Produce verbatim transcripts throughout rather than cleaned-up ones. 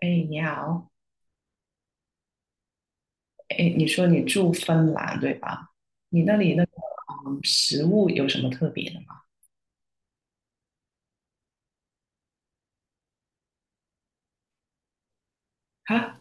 哎，你好。哎，你说你住芬兰对吧？你那里那个嗯，食物有什么特别的吗？哈，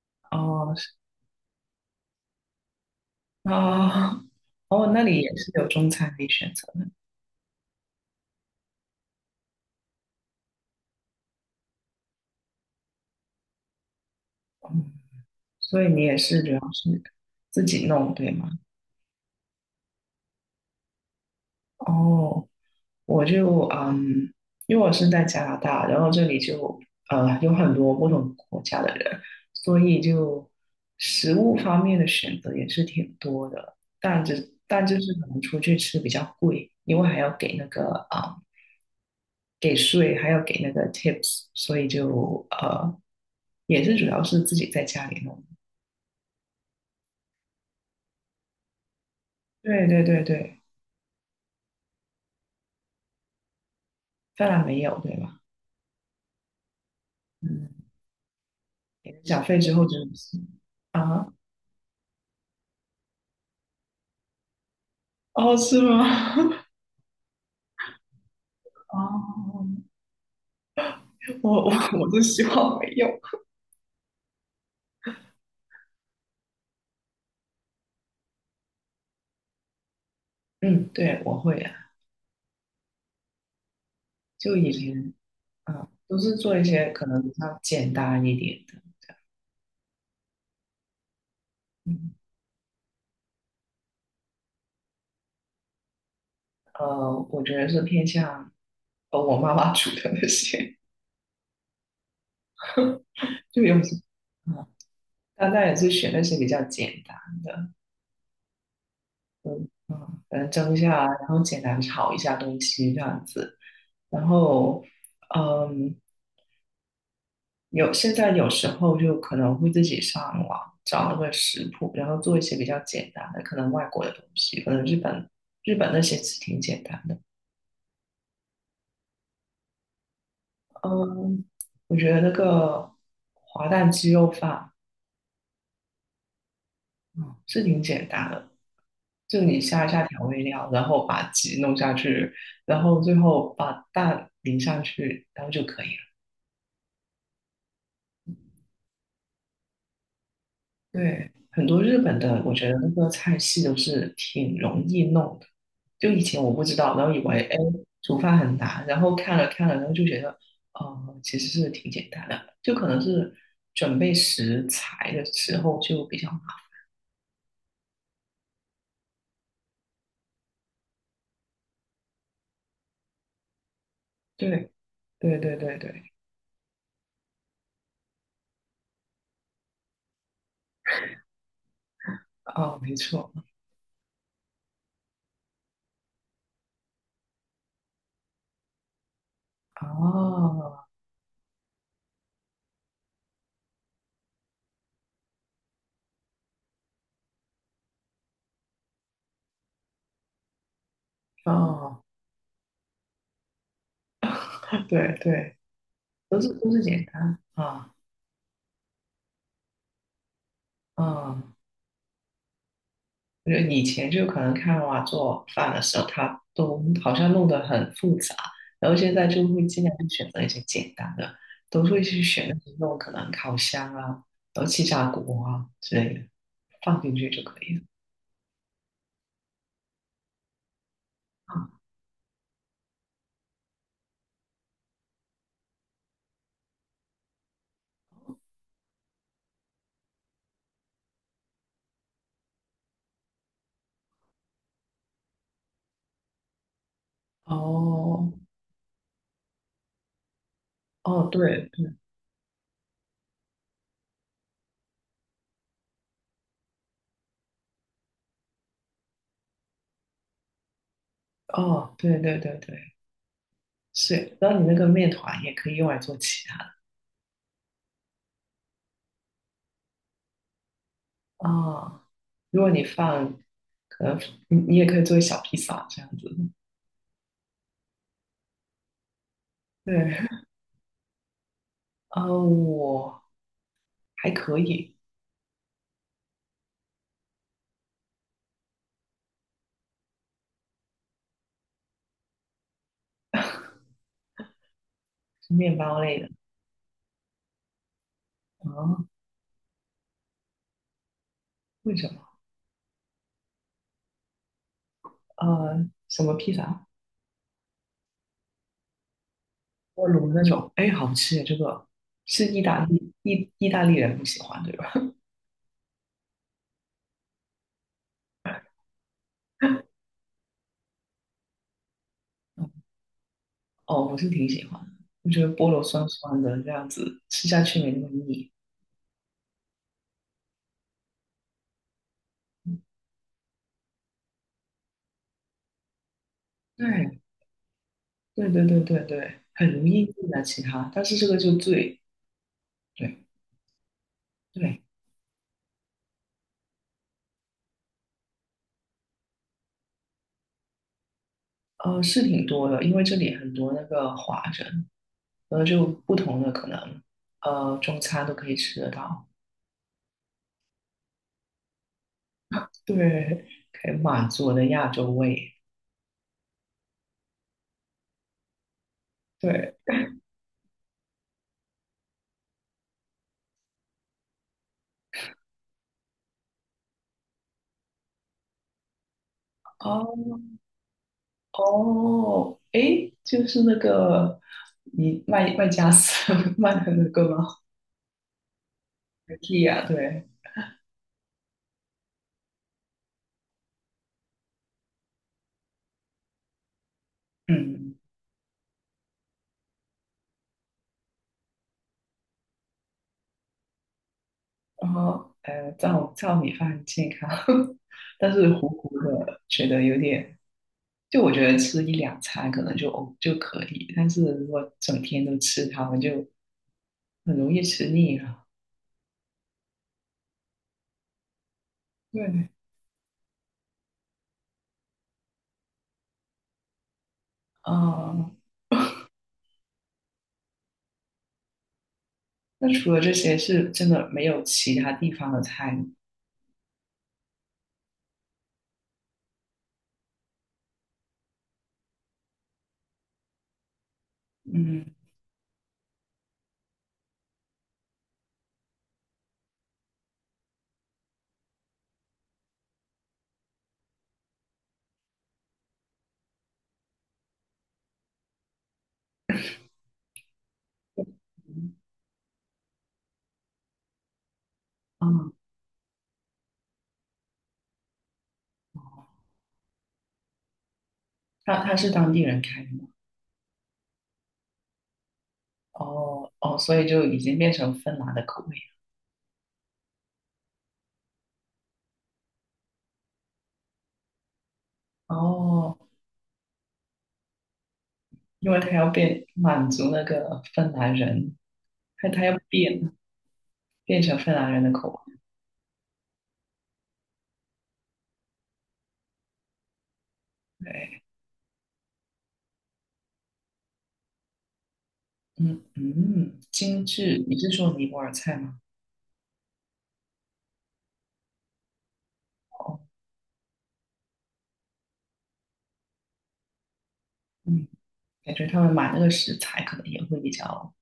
哦。哦。哦，那里也是有中餐可以选择的。嗯，所以你也是主要是自己弄对吗？哦，我就嗯，因为我是在加拿大，然后这里就呃有很多不同国家的人，所以就食物方面的选择也是挺多的，但只但就是可能出去吃比较贵，因为还要给那个啊、给税，还要给那个 tips，所以就呃也是主要是自己在家里弄。对对对对，当然没有对吧？嗯，给了小费之后就是啊。哦，是吗？哦。我我我是希望没有。嗯，对，我会啊。就以前啊，都是做一些可能比较简单一点的。嗯，呃，我觉得是偏向呃我妈妈煮的那些，就有时啊，大概也是选那些比较简单的。嗯嗯，可能蒸一下，然后简单炒一下东西这样子。然后，嗯，有现在有时候就可能会自己上网找那个食谱，然后做一些比较简单的，可能外国的东西，可能日本日本那些是挺简单的。嗯，我觉得那个滑蛋鸡肉饭，嗯，是挺简单的，就你下一下调味料，然后把鸡弄下去，然后最后把蛋淋上去，然后就可以了。对，很多日本的，我觉得那个菜系都是挺容易弄的。就以前我不知道，然后以为哎煮饭很难，然后看了看了，然后就觉得，呃，其实是挺简单的，就可能是准备食材的时候就比较麻烦。对对对对对。哦，没错。哦哦，对对，都是都是简单啊啊。我觉得以前就可能看娃做饭的时候，他都好像弄得很复杂，然后现在就会尽量去选择一些简单的，都会去选那些那种可能烤箱啊，然后气炸锅啊之类的，放进去就可以了。啊，哦哦，对对。哦，对对对对，是。然后你那个面团也可以用来做其他的啊，如果你放，可能你你也可以做小披萨这样子。对，呃，我还可以。面包类。的。啊，为什么？呃，什么披萨？锅炉那种？哎，好吃耶！这个是意大利意意大利人不喜欢，对吧？嗯哦，我是挺喜欢的，我觉得菠萝酸酸的，这样子吃下去没那么腻。对，对对对对对，很容易腻啊，其他，但是这个就最，对对，呃，是挺多的，因为这里很多那个华人，然后就不同的可能，呃，中餐都可以吃得到。对，可以满足我的亚洲胃，对。哦哦，诶，就是那个你卖卖家私 卖的那个吗？IKEA 对。嗯，然后呃，糙糙米饭很健康。但是糊糊的，觉得有点，就我觉得吃一两餐可能就哦就可以，但是如果整天都吃它们，就很容易吃腻了。对。啊，那除了这些是真的没有其他地方的菜吗？嗯，啊。他他是当地人开的吗？哦哦，所以就已经变成芬兰的口味了。哦，因为他要变满足那个芬兰人，他他要变变成芬兰人的口味。对。嗯嗯，精致。你是说尼泊尔菜吗？哦。嗯，感觉他们买那个食材可能也会比较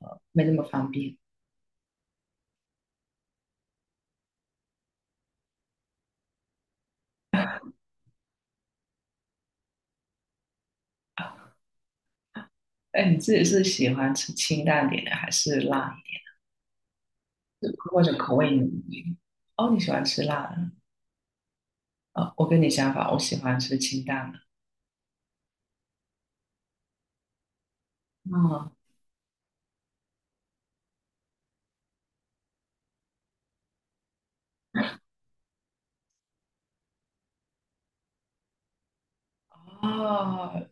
呃没那么方便啊。哎，你自己是喜欢吃清淡点的，还是辣一点，或者口味浓一点哦，你喜欢吃辣的？啊、我跟你相反，我喜欢吃清淡的。啊啊，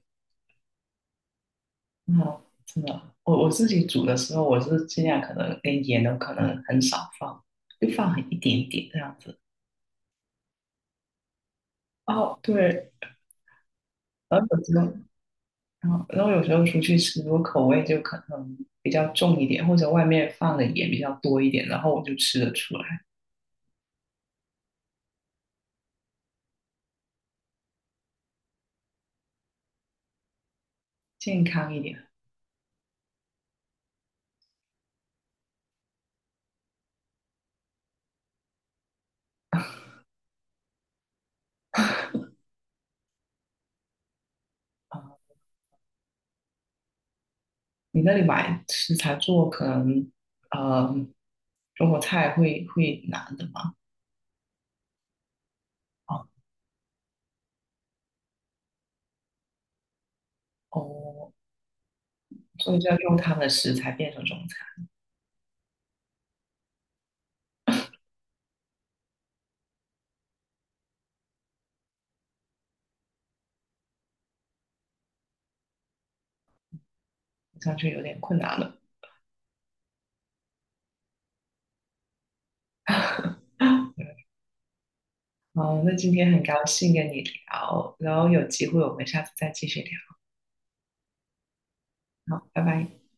那真的，我我自己煮的时候，我是尽量可能连盐都可能很少放，就放很一点点这样子。哦，对，然后有时候，然后然后有时候出去吃，我口味就可能比较重一点，或者外面放的盐比较多一点，然后我就吃得出来，健康一点。啊，你那里买食材做可能，呃，中国菜会会难的嘛？哦，所以就要用他们的食材变成中餐。好像就有点困难了。嗯，那今天很高兴跟你聊，然后有机会我们下次再继续聊。好，拜拜。